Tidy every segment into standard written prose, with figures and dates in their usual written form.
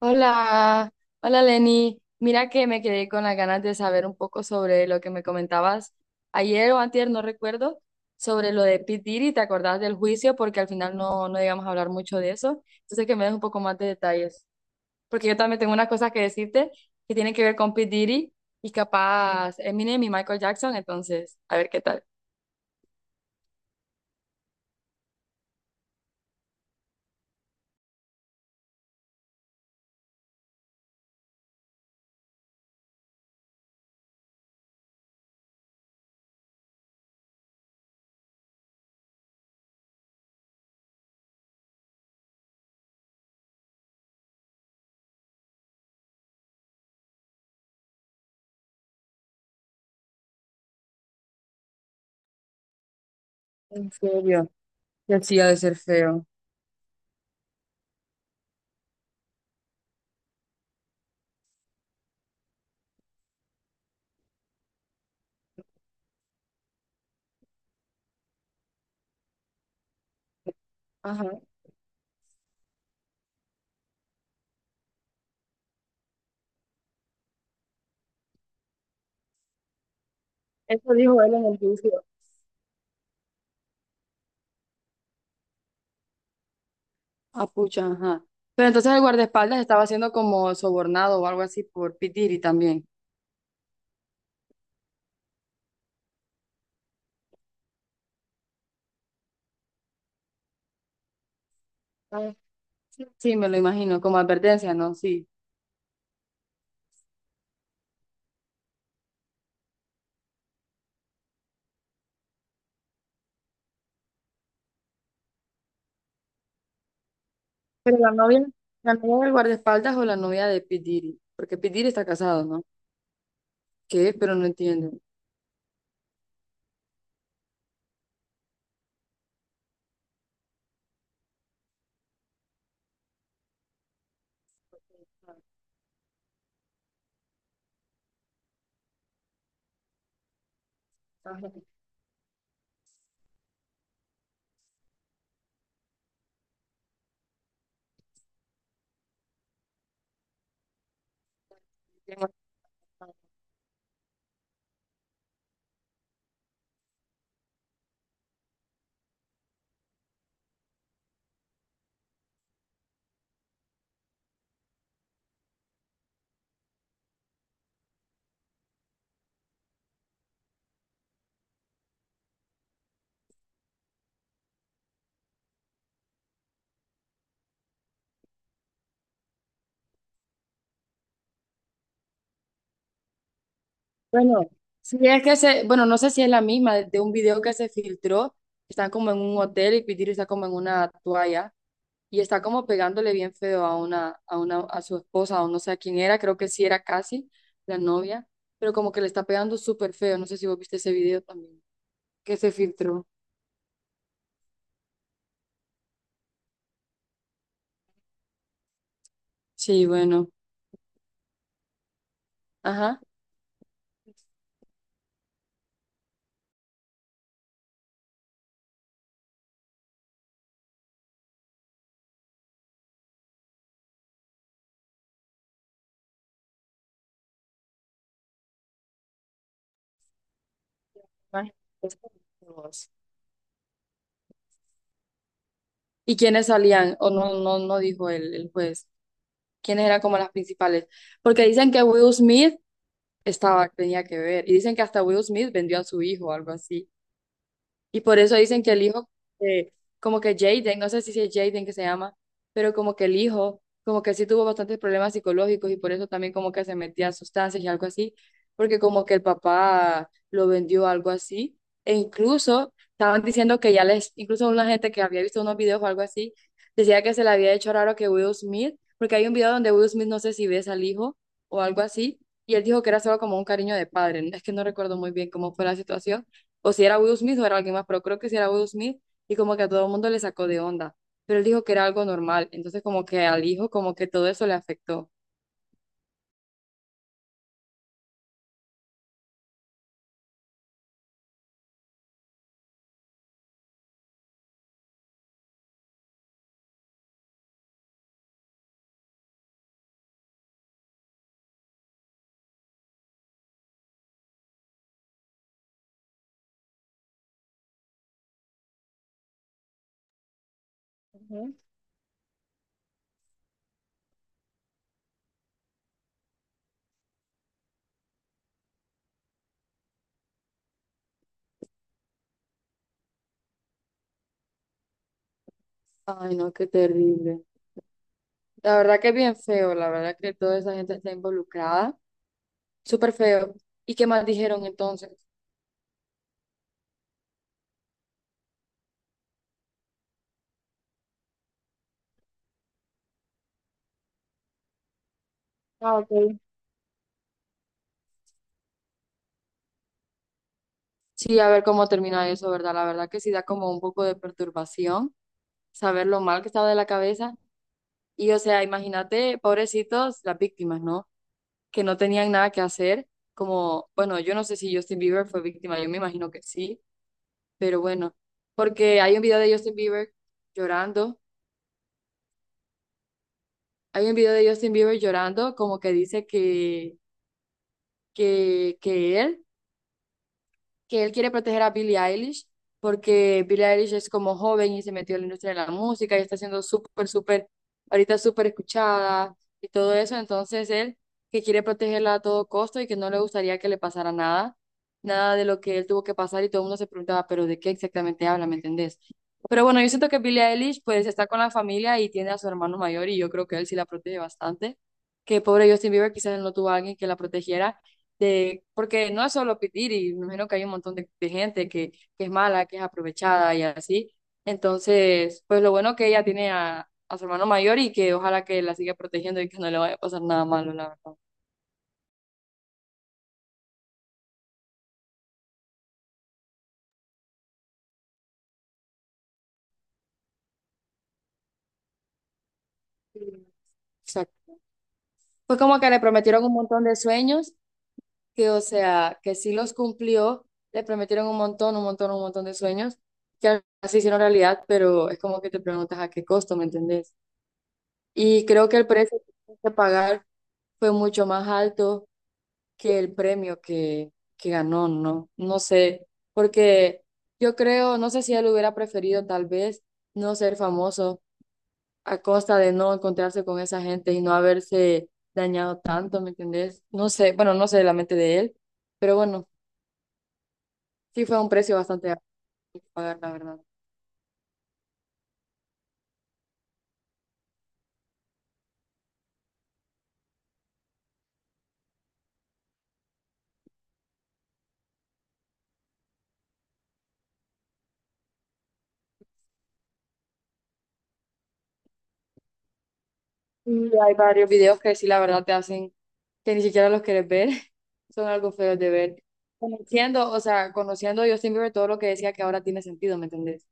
Hola, hola Lenny. Mira que me quedé con las ganas de saber un poco sobre lo que me comentabas ayer o antier, no recuerdo, sobre lo de Pete Diddy, ¿te acordás del juicio? Porque al final no llegamos a hablar mucho de eso. Entonces que me des un poco más de detalles. Porque yo también tengo unas cosas que decirte que tienen que ver con Pete Diddy y capaz Eminem y Michael Jackson, entonces, a ver qué tal. En serio, que sí ha de ser feo. Ajá. Eso dijo él en el juicio. Ah, pucha, ajá. Pero entonces el guardaespaldas estaba siendo como sobornado o algo así por Pitiri también. Ah, sí. Sí, me lo imagino, como advertencia, ¿no? Sí. Pero la novia del guardaespaldas o la novia de Pitiri, porque Pitiri está casado, ¿no? ¿Qué? Pero no entiendo. Ajá. Bueno, sí, es que se, bueno, no sé si es la misma de un video que se filtró, están como en un hotel y Pitiri está como en una toalla. Y está como pegándole bien feo a una a su esposa, o no sé a quién era, creo que sí era casi la novia, pero como que le está pegando súper feo, no sé si vos viste ese video también, que se filtró. Sí, bueno, ajá. Imagínate vos. ¿Y quiénes salían? O no dijo el juez. ¿Quiénes eran como las principales? Porque dicen que Will Smith estaba, tenía que ver, y dicen que hasta Will Smith vendió a su hijo o algo así. Y por eso dicen que el hijo, eh, como que Jaden, no sé si es Jaden que se llama, pero como que el hijo, como que sí tuvo bastantes problemas psicológicos y por eso también como que se metía a sustancias y algo así, porque como que el papá lo vendió algo así. E incluso estaban diciendo que ya les, incluso una gente que había visto unos videos o algo así, decía que se le había hecho raro que Will Smith, porque hay un video donde Will Smith no sé si ves al hijo o algo así, y él dijo que era solo como un cariño de padre. Es que no recuerdo muy bien cómo fue la situación o si era Will Smith o era alguien más, pero creo que si era Will Smith y como que a todo el mundo le sacó de onda, pero él dijo que era algo normal, entonces como que al hijo como que todo eso le afectó. Ay, no, qué terrible. La verdad que es bien feo, la verdad que toda esa gente está involucrada, súper feo. ¿Y qué más dijeron entonces? Ah, ok. Sí, a ver cómo termina eso, ¿verdad? La verdad que sí da como un poco de perturbación saber lo mal que estaba de la cabeza. Y o sea, imagínate, pobrecitos, las víctimas, ¿no? Que no tenían nada que hacer, como, bueno, yo no sé si Justin Bieber fue víctima, yo me imagino que sí, pero bueno, porque hay un video de Justin Bieber llorando, hay un video de Justin Bieber llorando, como que dice que, que él que él quiere proteger a Billie Eilish porque Billie Eilish es como joven y se metió en la industria de la música y está siendo súper, ahorita súper escuchada y todo eso. Entonces él que quiere protegerla a todo costo y que no le gustaría que le pasara nada, nada de lo que él tuvo que pasar y todo el mundo se preguntaba, pero ¿de qué exactamente habla? ¿Me entendés? Pero bueno, yo siento que Billie Eilish pues está con la familia y tiene a su hermano mayor y yo creo que él sí la protege bastante. Que pobre Justin Bieber quizás él no tuvo a alguien que la protegiera de, porque no es solo pedir, y me imagino que hay un montón de gente que es mala, que es aprovechada y así. Entonces, pues lo bueno que ella tiene a su hermano mayor y que ojalá que la siga protegiendo y que no le vaya a pasar nada malo, la verdad. Sí, exacto. Fue como que le prometieron un montón de sueños, que o sea, que sí los cumplió, le prometieron un montón, un montón, un montón de sueños, que así hicieron realidad, pero es como que te preguntas a qué costo, ¿me entendés? Y creo que el precio que tuvieron que pagar fue mucho más alto que el premio que ganó, ¿no? No sé, porque yo creo, no sé si él hubiera preferido tal vez no ser famoso a costa de no encontrarse con esa gente y no haberse dañado tanto, ¿me entendés? No sé, bueno, no sé la mente de él, pero bueno, sí fue un precio bastante alto que pagar, la verdad. Y hay varios videos que sí, la verdad, te hacen que ni siquiera los quieres ver, son algo feos de ver. Conociendo, o sea, conociendo a Justin Bieber, todo lo que decía que ahora tiene sentido, ¿me entendés?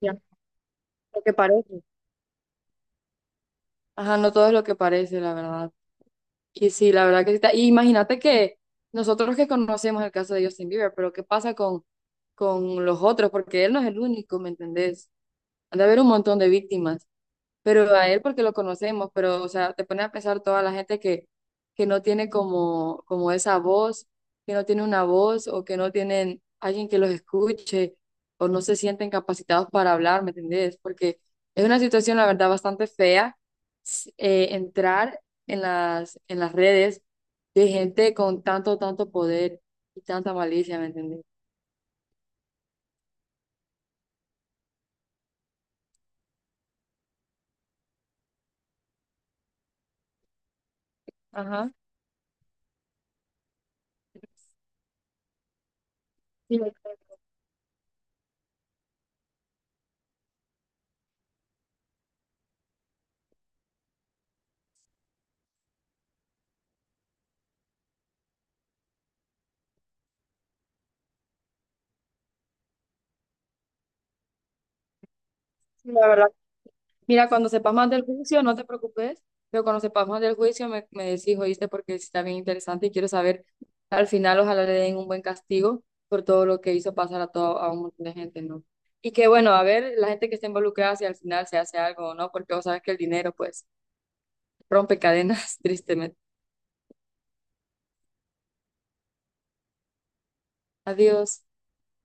Ya, lo que parece. Ajá, no todo es lo que parece, la verdad. Y sí, la verdad que sí está. Y imagínate que nosotros que conocemos el caso de Justin Bieber, pero ¿qué pasa con los otros? Porque él no es el único, ¿me entendés? Han de haber un montón de víctimas pero a él porque lo conocemos, pero o sea, te pone a pensar toda la gente que no tiene como, como esa voz, que no tiene una voz o que no tienen alguien que los escuche o no se sienten capacitados para hablar, ¿me entendés? Porque es una situación, la verdad, bastante fea entrar en las redes de gente con tanto, tanto poder y tanta malicia, ¿me entendés? Ajá. Sí, la verdad. Mira, cuando sepas más del juicio, no te preocupes, pero cuando sepas más del juicio me, me decís, oíste, porque sí está bien interesante y quiero saber, al final ojalá le den un buen castigo por todo lo que hizo pasar a todo, a un montón de gente, ¿no? Y que bueno, a ver, la gente que está involucrada, si al final se hace algo o no, porque vos sabes que el dinero pues rompe cadenas, tristemente. Adiós.